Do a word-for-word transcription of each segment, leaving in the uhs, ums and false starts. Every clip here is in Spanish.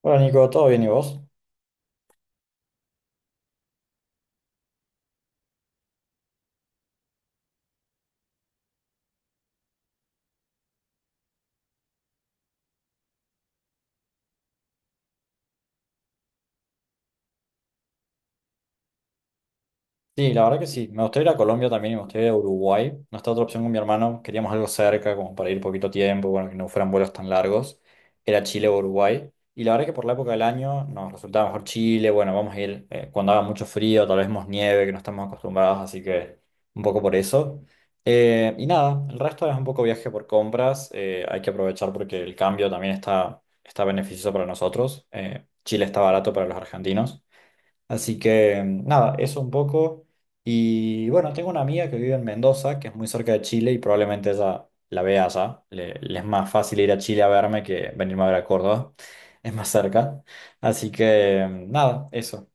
Hola Nico, ¿todo bien y vos? Sí, la verdad que sí. Me gustaría ir a Colombia también y me gustaría ir a Uruguay. No está otra opción con mi hermano. Queríamos algo cerca, como para ir poquito tiempo, bueno, que no fueran vuelos tan largos. Era Chile o Uruguay. Y la verdad que por la época del año nos resultaba mejor Chile. Bueno, vamos a ir eh, cuando haga mucho frío, tal vez más nieve, que no estamos acostumbrados, así que un poco por eso. Eh, y nada, el resto es un poco viaje por compras. Eh, hay que aprovechar porque el cambio también está, está beneficioso para nosotros. Eh, Chile está barato para los argentinos. Así que mm, nada, eso un poco. Y bueno, tengo una amiga que vive en Mendoza, que es muy cerca de Chile y probablemente ella la vea allá. Le, le es más fácil ir a Chile a verme que venirme a ver a Córdoba. Es más cerca. Así que mm, nada, eso.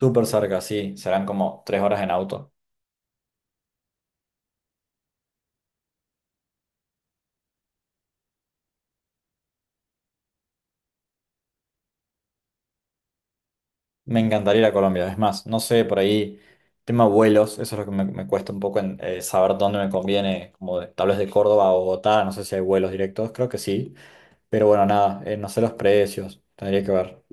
Súper cerca, sí. Serán como tres horas en auto. Me encantaría ir a Colombia. Es más, no sé, por ahí, tema vuelos, eso es lo que me, me cuesta un poco en, eh, saber dónde me conviene, como de- tal vez de Córdoba a Bogotá, no sé si hay vuelos directos, creo que sí. Pero bueno, nada, eh, no sé los precios, tendría que ver.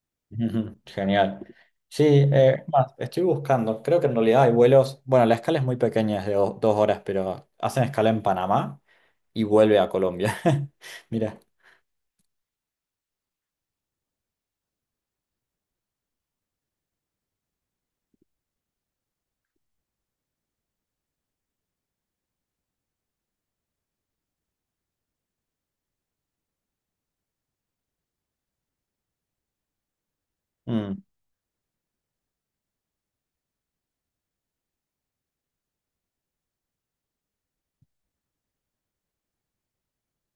Ujú, genial. Sí, eh, es más, estoy buscando, creo que en realidad hay vuelos, bueno, la escala es muy pequeña, es de do- dos horas, pero hacen escala en Panamá y vuelve a Colombia. Mira, mm,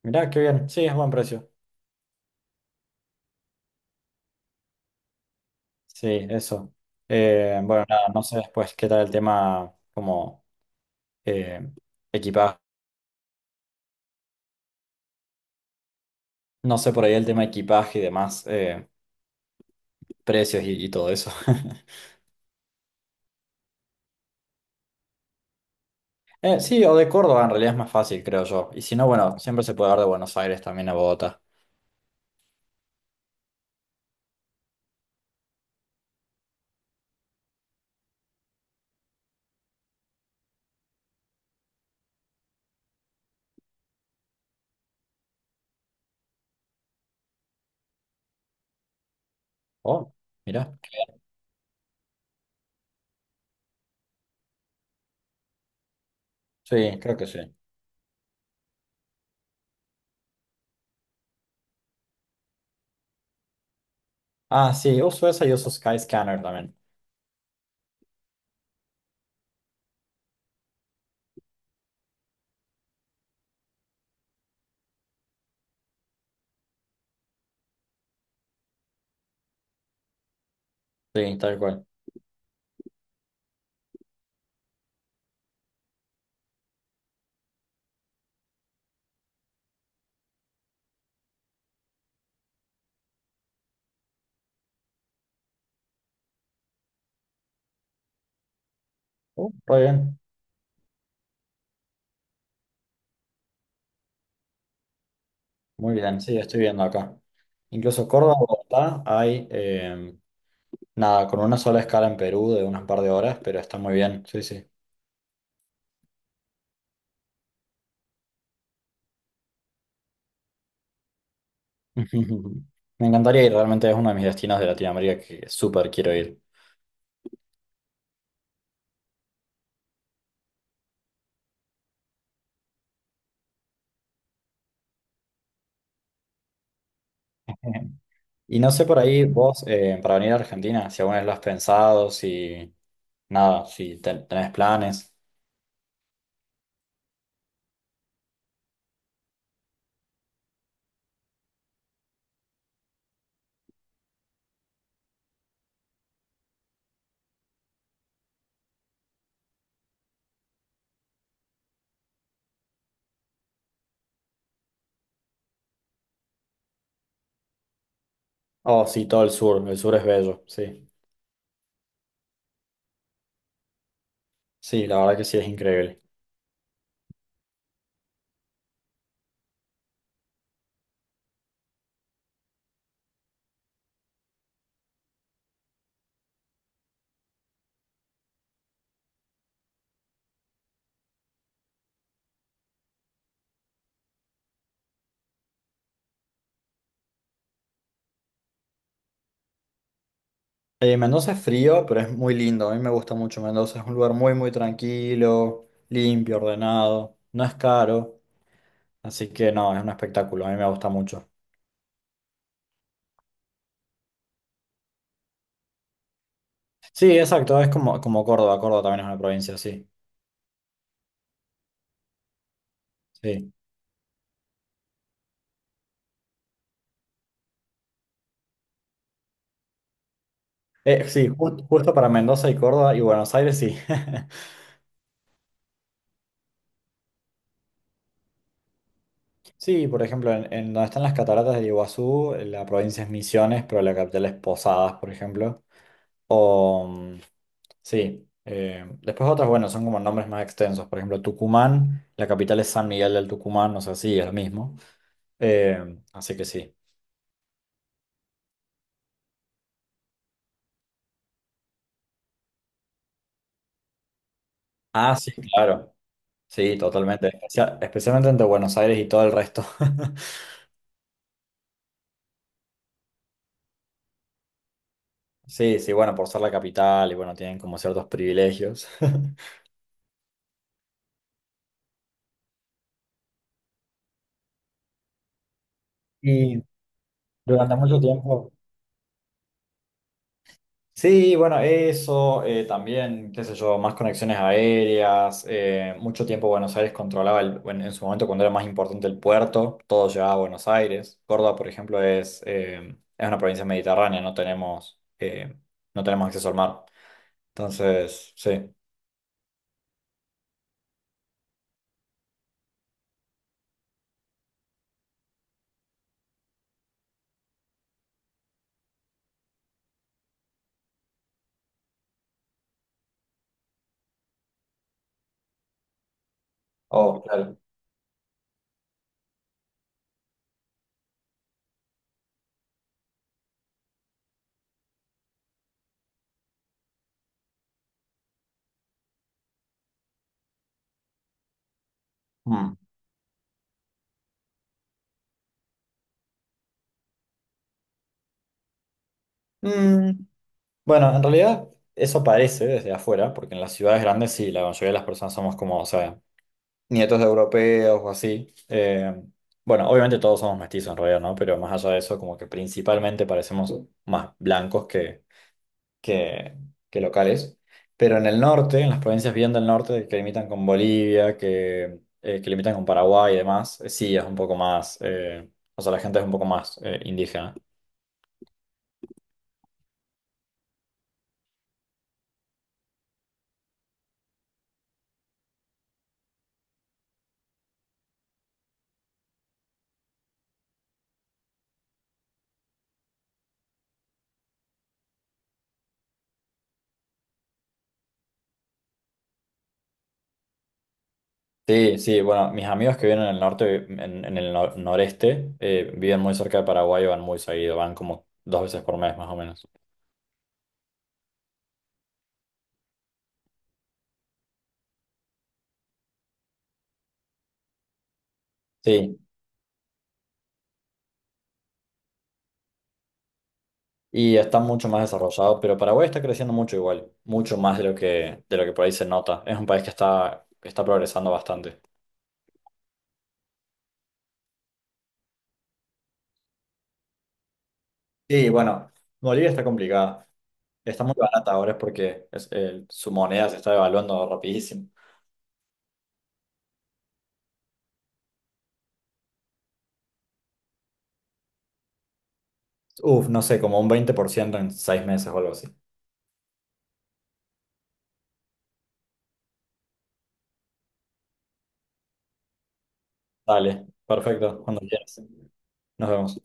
mira, qué bien, sí, es buen precio. Sí, eso. Eh, bueno, nada, no sé después qué tal el tema como eh, equipaje, no sé por ahí el tema equipaje y demás, eh, precios y y todo eso. Eh, sí, o de Córdoba en realidad es más fácil, creo yo. Y si no, bueno, siempre se puede dar de Buenos Aires también a Bogotá. Oh, mira. Sí, creo que sí. Ah, sí, uso esa y uso Skyscanner también. Sí, tal cual. Oh, muy bien. Muy bien, sí, estoy viendo acá. Incluso Córdoba, Bogotá, hay eh, nada, con una sola escala en Perú de unas par de horas, pero está muy bien. Sí, sí. Me encantaría ir, realmente es uno de mis destinos de Latinoamérica que súper quiero ir. Y no sé por ahí vos, eh, para venir a Argentina, si alguna vez lo has pensado, si nada, si ten- tenés planes. Oh, sí, todo el sur, el sur es bello, sí. Sí, la verdad que sí, es increíble. Eh, Mendoza es frío, pero es muy lindo, a mí me gusta mucho Mendoza, es un lugar muy, muy tranquilo, limpio, ordenado, no es caro, así que no, es un espectáculo, a mí me gusta mucho. Sí, exacto, es como, como Córdoba, Córdoba también es una provincia, sí, sí. Eh, sí, ju- justo para Mendoza y Córdoba y Buenos Aires, sí. Sí, por ejemplo, en, en donde están las cataratas del Iguazú, la provincia es Misiones, pero la capital es Posadas, por ejemplo. O, mm, sí, eh, después otras, bueno, son como nombres más extensos. Por ejemplo, Tucumán, la capital es San Miguel del Tucumán, o sea, sí, es lo mismo. Eh, así que sí. Ah, sí, claro. Sí, totalmente. Especia- especialmente entre Buenos Aires y todo el resto. Sí, sí, bueno, por ser la capital y bueno, tienen como ciertos privilegios. Y durante mucho tiempo... Sí, bueno, eso, eh, también, qué sé yo, más conexiones aéreas, eh, mucho tiempo Buenos Aires controlaba, el- en, en su momento cuando era más importante el puerto, todo llegaba a Buenos Aires. Córdoba, por ejemplo, es, eh, es una provincia mediterránea, no tenemos, eh, no tenemos acceso al mar. Entonces, sí. Oh, claro. Mm. Mm, bueno, en realidad eso parece desde afuera, porque en las ciudades grandes sí, la mayoría de las personas somos como, o sea, nietos de europeos o así. Eh, bueno, obviamente todos somos mestizos en realidad, ¿no? Pero más allá de eso, como que principalmente parecemos más blancos que, que, que locales. Pero en el norte, en las provincias bien del norte, que limitan con Bolivia, que, eh, que limitan con Paraguay y demás, eh, sí es un poco más, eh, o sea, la gente es un poco más eh, indígena. Sí, sí, bueno, mis amigos que viven en el norte, en, en el no- noreste, eh, viven muy cerca de Paraguay y van muy seguido, van como dos veces por mes más o menos. Sí, y está mucho más desarrollado, pero Paraguay está creciendo mucho igual, mucho más de lo que, de lo que por ahí se nota. Es un país que está, está progresando bastante. Y bueno, Bolivia está complicada. Está muy barata ahora es porque es- el- su moneda se está devaluando rapidísimo. Uf, no sé, como un veinte por ciento en seis meses o algo así. Dale, perfecto, cuando quieras. Nos vemos.